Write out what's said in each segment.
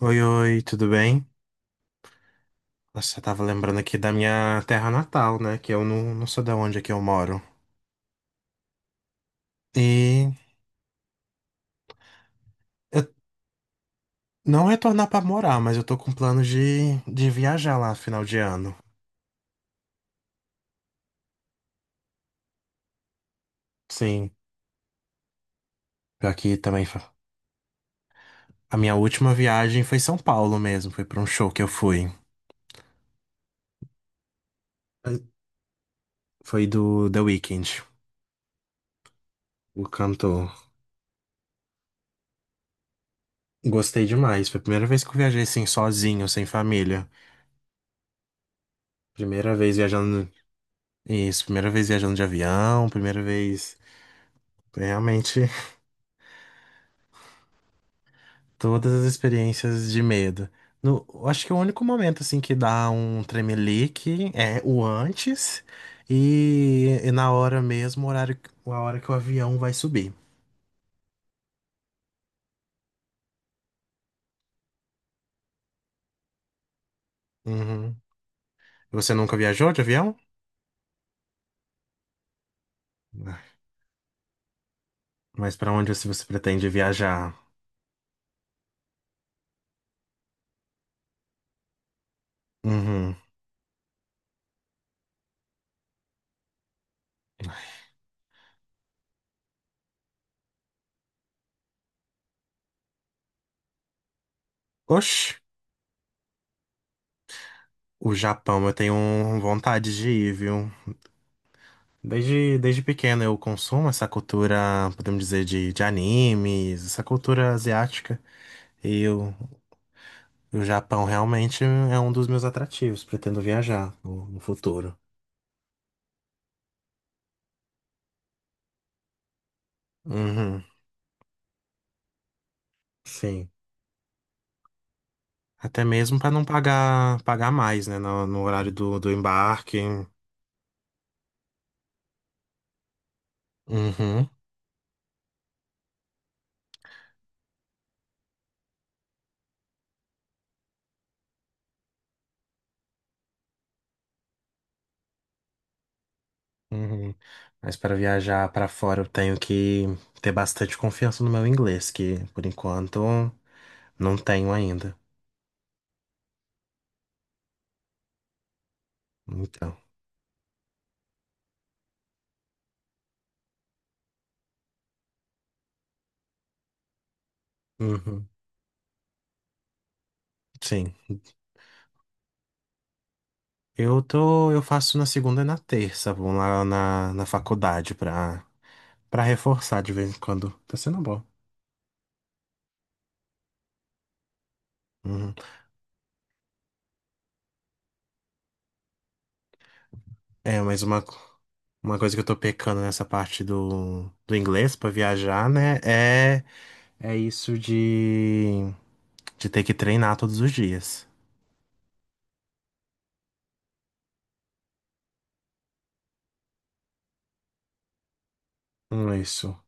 Oi, oi, tudo bem? Nossa, eu tava lembrando aqui da minha terra natal, né? Que eu não sei de onde é que eu moro. E eu não retornar pra morar, mas eu tô com plano de viajar lá final de ano. Sim, pior que também a minha última viagem foi São Paulo mesmo, foi pra um show que eu fui. Foi do The Weeknd, o cantor. Gostei demais, foi a primeira vez que eu viajei assim sozinho, sem família. Primeira vez viajando, isso, primeira vez viajando de avião, primeira vez. Foi realmente todas as experiências de medo. No, eu acho que o único momento assim que dá um tremelique é o antes e na hora mesmo, o horário, a hora que o avião vai subir. Uhum. Você nunca viajou de avião? Ah, mas pra onde se você pretende viajar? Uhum. Oxe, o Japão, eu tenho vontade de ir, viu? Desde pequeno eu consumo essa cultura, podemos dizer, de animes, essa cultura asiática. E eu, o Japão realmente é um dos meus atrativos. Pretendo viajar no futuro. Uhum, sim. Até mesmo para não pagar mais, né? No horário do embarque. Uhum, uhum. Mas para viajar para fora eu tenho que ter bastante confiança no meu inglês, que por enquanto não tenho ainda. Então, uhum, sim. Eu tô, eu faço na segunda e na terça, vou lá na faculdade para reforçar de vez em quando. Tá sendo bom. Uhum. É, mas uma, uma coisa que eu tô pecando nessa parte do inglês pra viajar, né? É, é isso de ter que treinar todos os dias. Isso.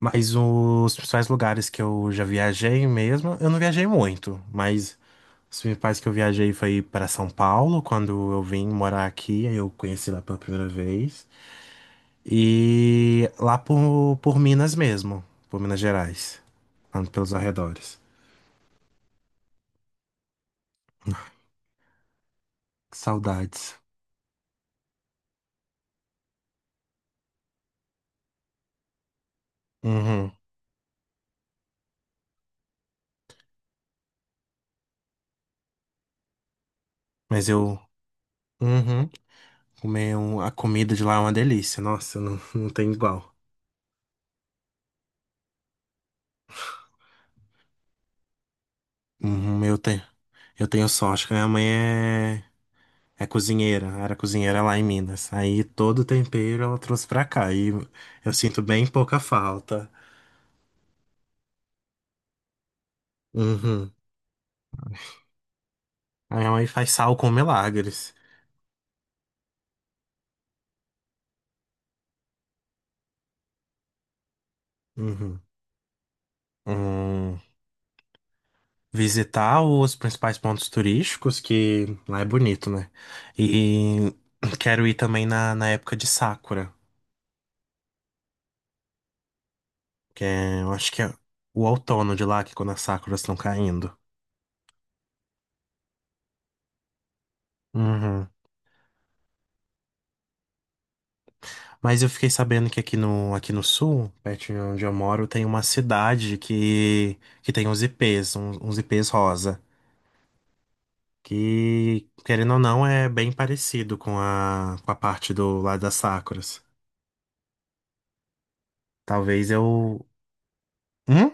Mas os principais lugares que eu já viajei mesmo, eu não viajei muito, mas os principais que eu viajei foi para São Paulo, quando eu vim morar aqui, aí eu conheci lá pela primeira vez. E lá por Minas mesmo, por Minas Gerais, lá pelos arredores. Que saudades. Uhum. Mas eu. Uhum. Comer um- a comida de lá é uma delícia. Nossa, não, não tem igual. Uhum, eu tenho. Eu tenho sorte que minha mãe é, é cozinheira, era cozinheira lá em Minas. Aí todo o tempero ela trouxe pra cá e eu sinto bem pouca falta. Uhum. A minha mãe faz sal com milagres. Uhum. Hum, Visitar os principais pontos turísticos, que lá é bonito, né? E quero ir também na época de Sakura. Que é, eu acho que é o outono de lá, que é quando as sakuras estão caindo. Uhum. Mas eu fiquei sabendo que aqui no sul, pertinho de onde eu moro, tem uma cidade que tem uns ipês, uns ipês rosa. Que, querendo ou não, é bem parecido com a parte do lado das sakuras. Talvez eu. Hum?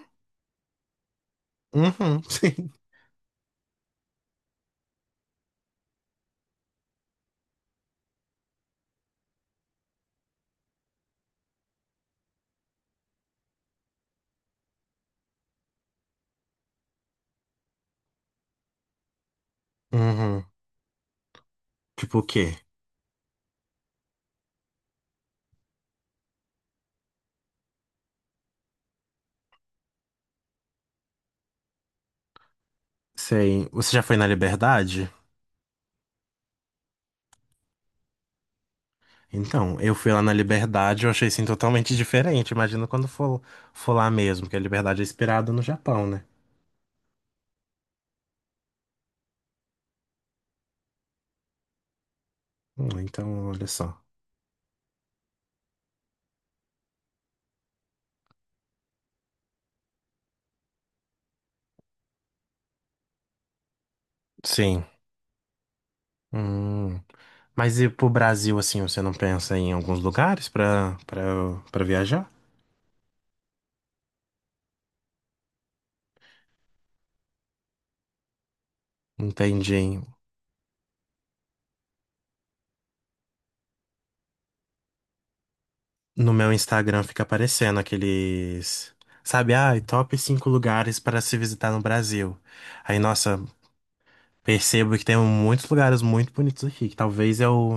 Uhum, sim. Uhum. Tipo o quê? Sei. Você já foi na Liberdade? Então, eu fui lá na Liberdade, eu achei assim totalmente diferente. Imagina quando for, lá mesmo, porque a Liberdade é inspirada no Japão, né? Então, olha só. Sim. Hum. Mas e pro Brasil, assim, você não pensa em alguns lugares pra viajar? Entendi. No meu Instagram fica aparecendo aqueles. Sabe, ah, top 5 lugares para se visitar no Brasil. Aí, nossa, percebo que tem muitos lugares muito bonitos aqui, que talvez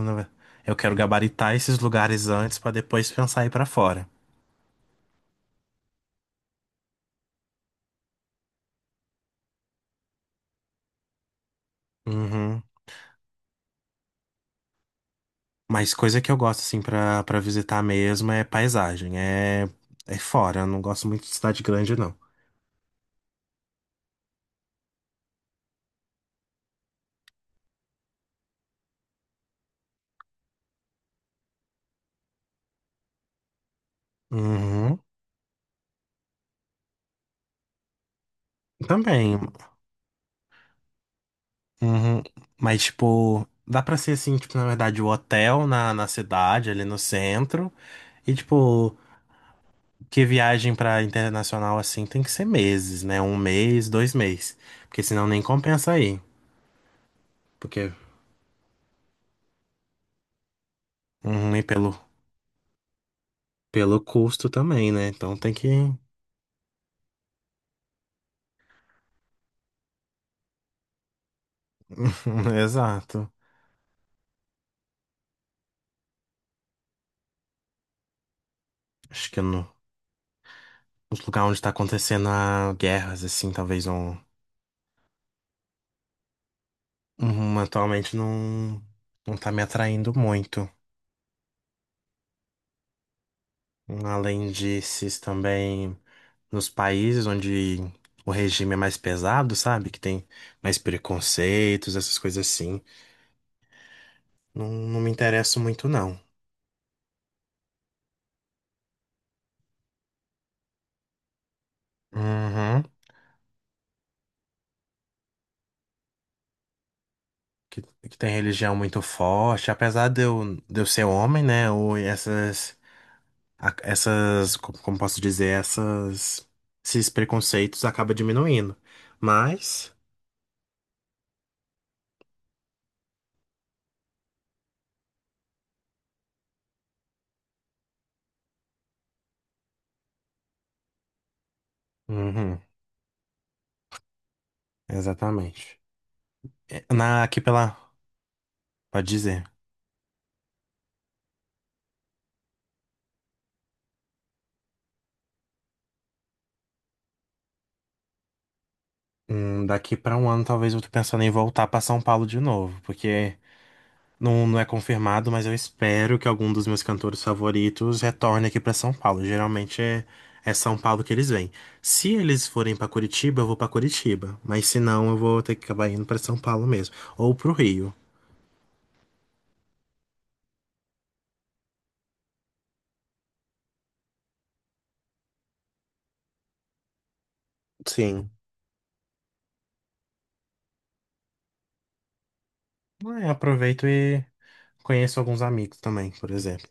eu quero gabaritar esses lugares antes pra depois pensar ir pra fora. Uhum. Mas coisa que eu gosto assim pra para visitar mesmo é paisagem, é é fora, eu não gosto muito de cidade grande não. Uhum. Também. Uhum. Mas tipo, dá pra ser assim, tipo, na verdade, o hotel na cidade, ali no centro, e tipo. Porque viagem pra internacional assim tem que ser meses, né? Um mês, 2 meses. Porque senão nem compensa aí. Porque uhum, e pelo, pelo custo também, né? Então tem que. Exato. Acho que no, nos lugares onde tá acontecendo a guerras, assim, talvez não. Uhum, atualmente não tá me atraindo muito. Além desses também nos países onde o regime é mais pesado, sabe? Que tem mais preconceitos, essas coisas assim. Não, não me interesso muito, não. Uhum. Que, que tem religião muito forte, apesar de eu ser homem, né? Ou essas, essas, como posso dizer, essas, esses preconceitos acaba diminuindo. Mas, uhum, exatamente. É, na, aqui pela, pode dizer, daqui pra um ano talvez eu tô pensando em voltar pra São Paulo de novo, porque não, não é confirmado, mas eu espero que algum dos meus cantores favoritos retorne aqui pra São Paulo. Geralmente é, é São Paulo que eles vêm. Se eles forem pra Curitiba, eu vou pra Curitiba. Mas se não, eu vou ter que acabar indo pra São Paulo mesmo. Ou pro Rio. Sim. É, aproveito e conheço alguns amigos também, por exemplo.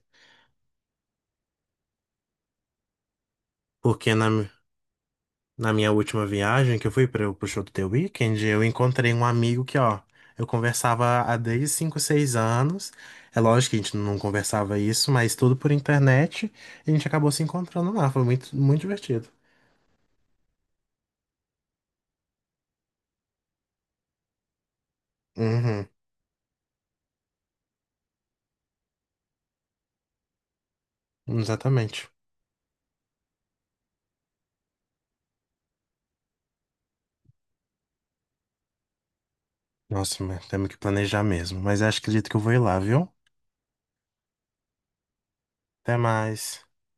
Porque na, na minha última viagem que eu fui para o show do The Weeknd, eu encontrei um amigo que, ó, eu conversava há desde 5, 6 anos. É lógico que a gente não conversava isso, mas tudo por internet. E a gente acabou se encontrando lá. Foi muito, muito divertido. Uhum, exatamente. Nossa, mas temos que planejar mesmo. Mas acho, acredito que eu vou ir lá, viu? Até mais.